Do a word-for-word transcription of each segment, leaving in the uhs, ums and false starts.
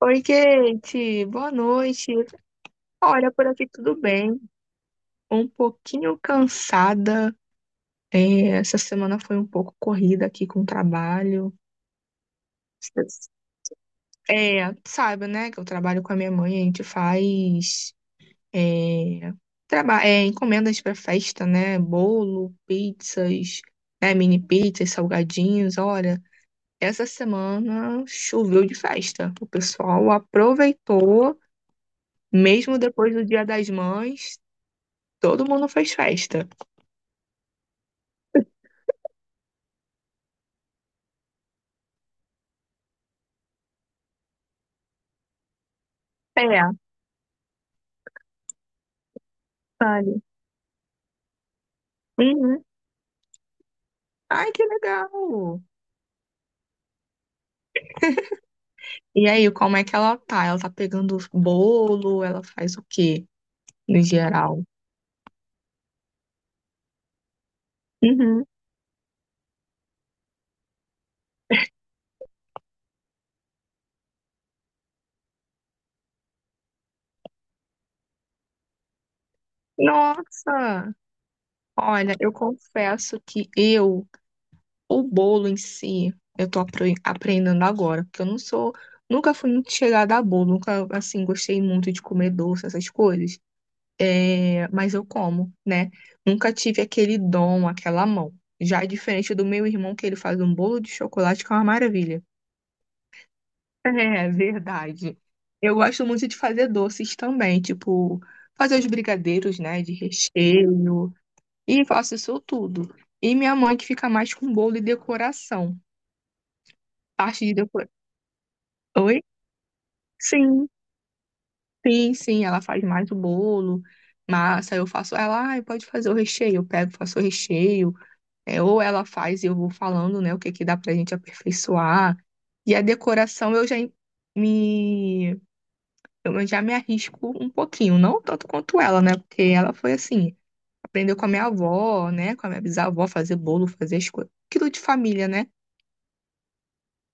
Oi, Kate, boa noite. Olha, por aqui tudo bem. Um pouquinho cansada. É, essa semana foi um pouco corrida aqui com o trabalho. É, sabe, né, que eu trabalho com a minha mãe, a gente faz é, traba é, encomendas para festa, né? Bolo, pizzas, né, mini pizzas, salgadinhos. Olha, essa semana choveu de festa. O pessoal aproveitou, mesmo depois do Dia das Mães. Todo mundo fez festa. É, sabe? Uhum. Ai, que legal! E aí, como é que ela tá? Ela tá pegando bolo? Ela faz o quê, no geral? Uhum. Nossa! Olha, eu confesso que eu, o bolo em si, eu tô apre- aprendendo agora, porque eu não sou, nunca fui muito chegada a bolo, nunca, assim, gostei muito de comer doce, essas coisas. É, mas eu como, né? Nunca tive aquele dom, aquela mão. Já é diferente do meu irmão, que ele faz um bolo de chocolate que é uma maravilha. É verdade. Eu gosto muito de fazer doces também, tipo, fazer os brigadeiros, né, de recheio, e faço isso tudo. E minha mãe que fica mais com bolo e decoração. Parte de decoração. Oi? Sim, sim, sim, ela faz mais o bolo, massa, eu faço. Ela, ai, pode fazer o recheio, eu pego, faço o recheio. É, ou ela faz e eu vou falando, né, o que que dá pra gente aperfeiçoar. E a decoração eu já em- me eu já me arrisco um pouquinho, não tanto quanto ela, né? Porque ela foi assim, aprendeu com a minha avó, né, com a minha bisavó fazer bolo, fazer as coisas, aquilo de família, né?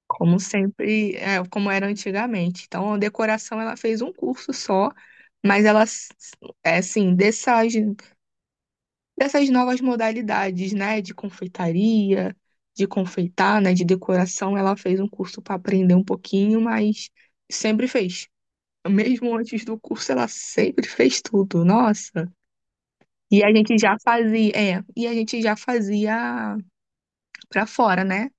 Como sempre, é, como era antigamente. Então, a decoração ela fez um curso só, mas ela s- é assim, dessas dessas novas modalidades, né, de confeitaria, de confeitar, né, de decoração. Ela fez um curso para aprender um pouquinho, mas sempre fez. Mesmo antes do curso, ela sempre fez tudo. Nossa. E a gente já fazia, é, e a gente já fazia para fora, né?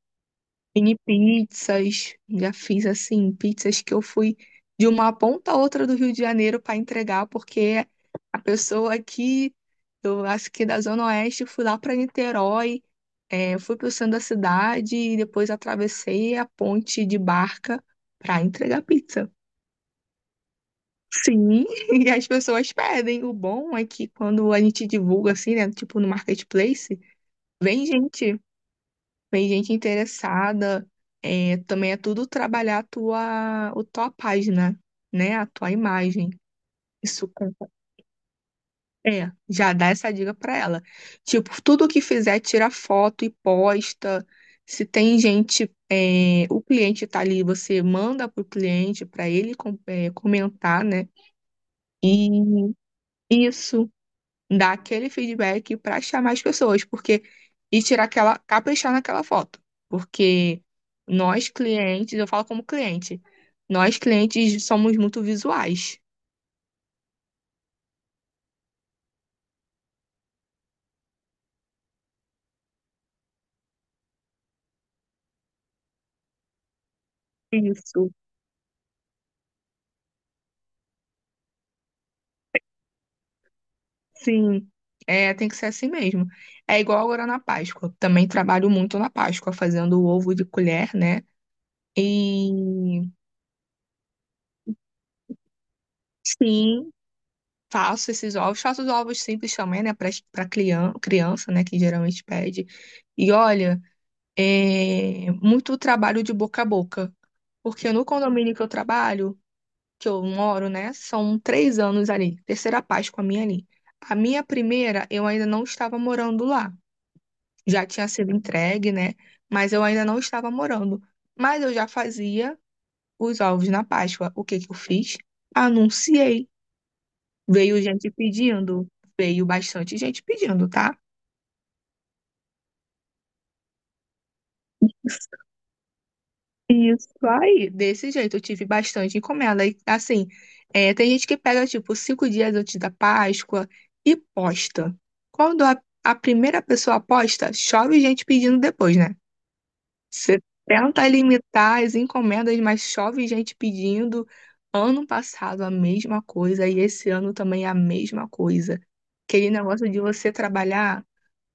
Mini pizzas, já fiz assim, pizzas que eu fui de uma ponta a outra do Rio de Janeiro para entregar, porque a pessoa aqui, eu acho que da Zona Oeste, fui lá para Niterói, é, eu fui para o centro da cidade e depois atravessei a ponte de barca para entregar pizza. Sim, e as pessoas pedem. O bom é que quando a gente divulga assim, né, tipo no marketplace, vem gente, vem gente interessada. É, também é tudo trabalhar a tua, a tua página, né, a tua imagem. Isso. É, já dá essa dica pra ela. Tipo, tudo que fizer, tira foto e posta. Se tem gente, é, o cliente tá ali, você manda pro cliente pra ele com- é, comentar, né? E isso dá aquele feedback pra chamar as pessoas, porque e tirar aquela, caprichar naquela foto, porque nós clientes, eu falo como cliente, nós clientes somos muito visuais. Isso. Sim, é, tem que ser assim mesmo. É igual agora na Páscoa. Também trabalho muito na Páscoa, fazendo o ovo de colher, né? E sim, faço esses ovos. Faço os ovos simples também, né? Para para criança, criança, né? Que geralmente pede. E olha, é muito trabalho de boca a boca. Porque no condomínio que eu trabalho, que eu moro, né? São três anos ali. Terceira Páscoa minha ali. A minha primeira, eu ainda não estava morando lá. Já tinha sido entregue, né? Mas eu ainda não estava morando. Mas eu já fazia os ovos na Páscoa. O que que eu fiz? Anunciei. Veio gente pedindo, Veio bastante gente pedindo, tá? Isso aí, desse jeito, eu tive bastante encomenda. E, assim, é, tem gente que pega, tipo, cinco dias antes da Páscoa e posta. Quando a, a primeira pessoa posta, chove gente pedindo depois, né? Você tenta limitar as encomendas, mas chove gente pedindo. Ano passado a mesma coisa e esse ano também a mesma coisa. Aquele negócio de você trabalhar.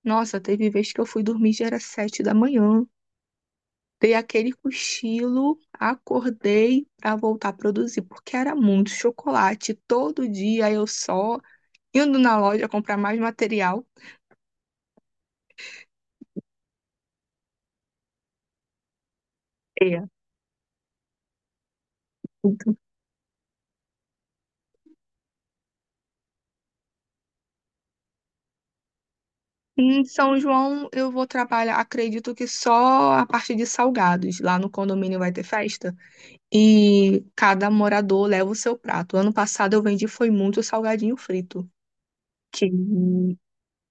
Nossa, teve vez que eu fui dormir já era sete da manhã. Dei aquele cochilo, acordei pra voltar a produzir, porque era muito chocolate. Todo dia eu só indo na loja comprar mais material. É. Em São João, eu vou trabalhar, acredito que só a parte de salgados. Lá no condomínio vai ter festa e cada morador leva o seu prato. Ano passado eu vendi foi muito salgadinho frito, que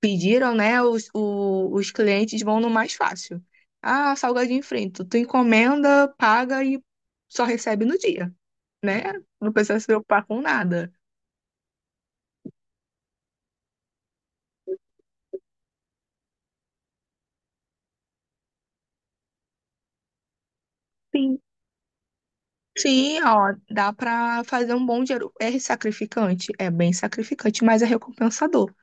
pediram, né? Os, o- os clientes vão no mais fácil. Ah, salgadinho frito, tu encomenda, paga e só recebe no dia, né? Não precisa se preocupar com nada. Sim, ó, dá pra fazer um bom dinheiro. É sacrificante, é bem sacrificante, mas é recompensador.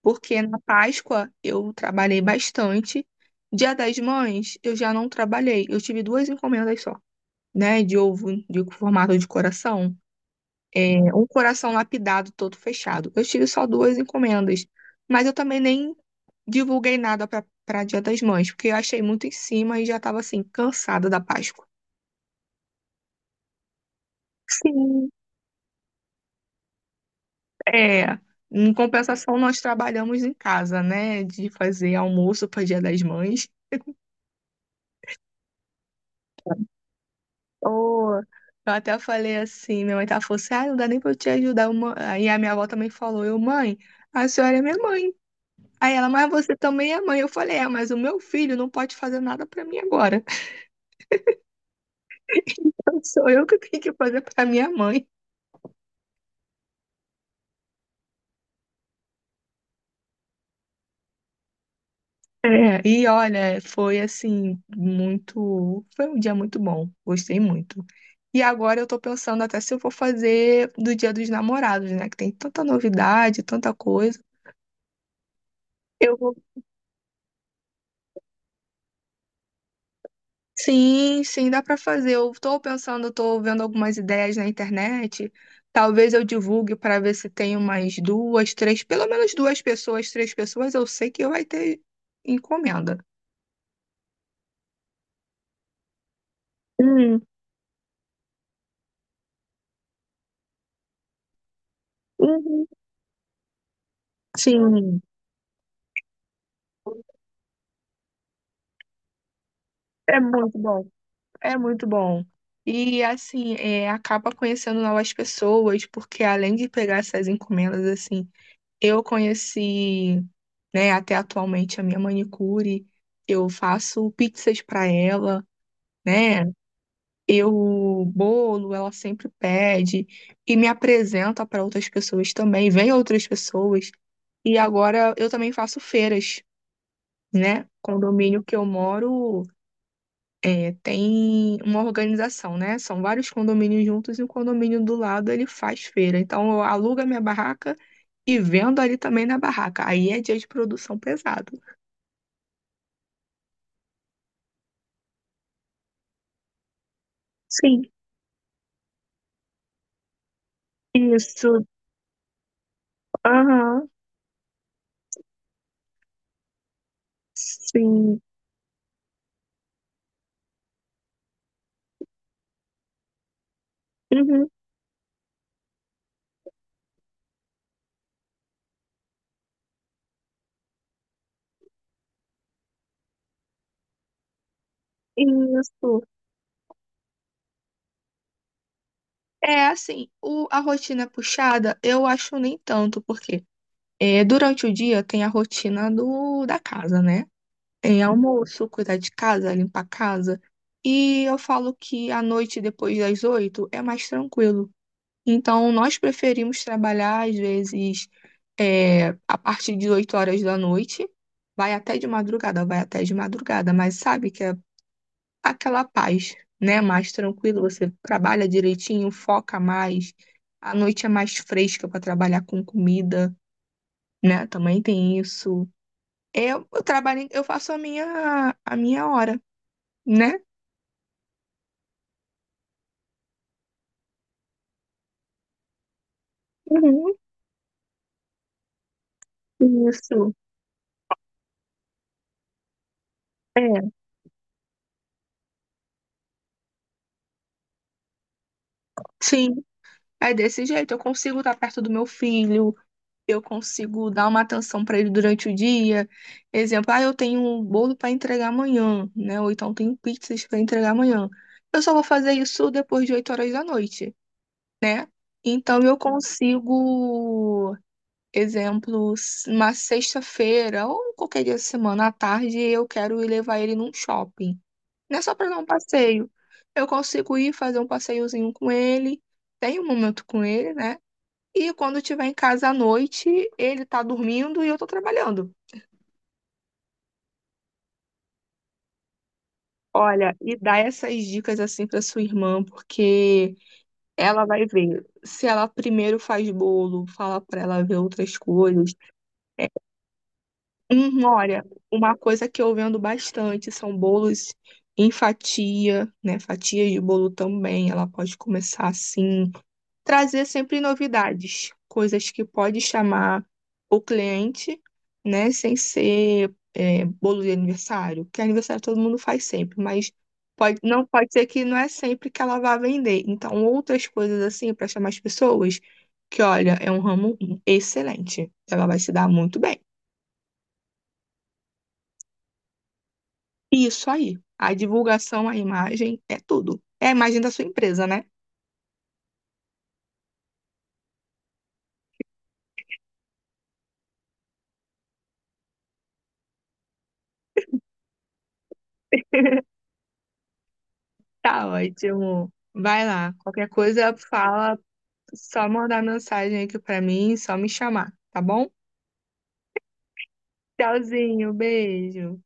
Porque na Páscoa eu trabalhei bastante. Dia das Mães eu já não trabalhei. Eu tive duas encomendas só, né? De ovo de formato de coração. É, um coração lapidado todo fechado. Eu tive só duas encomendas. Mas eu também nem divulguei nada pra, pra Dia das Mães, porque eu achei muito em cima e já tava assim, cansada da Páscoa. Sim. É, em compensação, nós trabalhamos em casa, né? De fazer almoço para Dia das Mães. Oh, eu até falei assim, minha mãe tá falou assim, ah, não dá nem pra eu te ajudar. ma- Aí a minha avó também falou, eu, mãe, a senhora é minha mãe. Aí ela, mas você também é mãe. Eu falei, é, mas o meu filho não pode fazer nada pra mim agora. Sou eu que tenho que fazer pra minha mãe. É, e olha, foi assim, muito. Foi um dia muito bom, gostei muito. E agora eu tô pensando até se eu vou fazer do Dia dos Namorados, né? Que tem tanta novidade, tanta coisa. Eu vou. Sim, sim, dá pra fazer. Eu tô pensando, tô vendo algumas ideias na internet. Talvez eu divulgue para ver se tem umas duas, três, pelo menos duas pessoas, três pessoas, eu sei que vai ter encomenda. Hum, uhum, sim, é muito bom. É muito bom. E assim, é, acaba conhecendo novas pessoas, porque além de pegar essas encomendas, assim, eu conheci, né, até atualmente a minha manicure, eu faço pizzas para ela, né? Eu bolo, ela sempre pede e me apresenta para outras pessoas também, vem outras pessoas. E agora eu também faço feiras, né? Condomínio que eu moro. É, tem uma organização, né? São vários condomínios juntos e o condomínio do lado ele faz feira. Então eu alugo a minha barraca e vendo ali também na barraca. Aí é dia de produção pesado. Sim, isso. Aham. Sim. Uhum. Isso. É assim, o, a rotina puxada eu acho nem tanto, porque é, durante o dia tem a rotina do, da casa, né? É, almoço, cuidar de casa, limpar a casa. E eu falo que à noite, depois das oito, é mais tranquilo. Então, nós preferimos trabalhar, às vezes, é, a partir de oito horas da noite, vai até de madrugada, vai até de madrugada, mas sabe que é aquela paz, né? Mais tranquilo, você trabalha direitinho, foca mais. A noite é mais fresca para trabalhar com comida, né? Também tem isso. Eu, eu trabalho, em- eu faço a minha, a minha hora. Né? Uhum, isso. É, sim. É desse jeito. Eu consigo estar perto do meu filho, eu consigo dar uma atenção para ele durante o dia. Exemplo, ah, eu tenho um bolo para entregar amanhã, né? Ou então tenho pizzas para entregar amanhã. Eu só vou fazer isso depois de oito horas da noite, né? Então eu consigo, exemplo, s- uma sexta-feira ou qualquer dia da semana à tarde, eu quero ir levar ele num shopping. Não é só para dar um passeio. Eu consigo ir fazer um passeiozinho com ele, tenho um momento com ele, né? E quando estiver em casa à noite, ele tá dormindo e eu tô trabalhando. Olha, e dá essas dicas assim para sua irmã, porque ela vai ver. Se ela primeiro faz bolo, fala para ela ver outras coisas. É, hum, olha, uma coisa que eu vendo bastante são bolos em fatia, né? Fatias de bolo também. Ela pode começar assim, trazer sempre novidades, coisas que pode chamar o cliente, né, sem ser é, bolo de aniversário, que aniversário todo mundo faz sempre, mas pode, não pode ser que não é sempre que ela vá vender. Então, outras coisas assim para chamar as pessoas, que olha, é um ramo excelente, ela vai se dar muito bem. Isso aí, a divulgação, a imagem é tudo. É a imagem da sua empresa, né? Tá ótimo. Vai lá, qualquer coisa fala. Só mandar mensagem aqui pra mim, só me chamar, tá bom? Tchauzinho, beijo.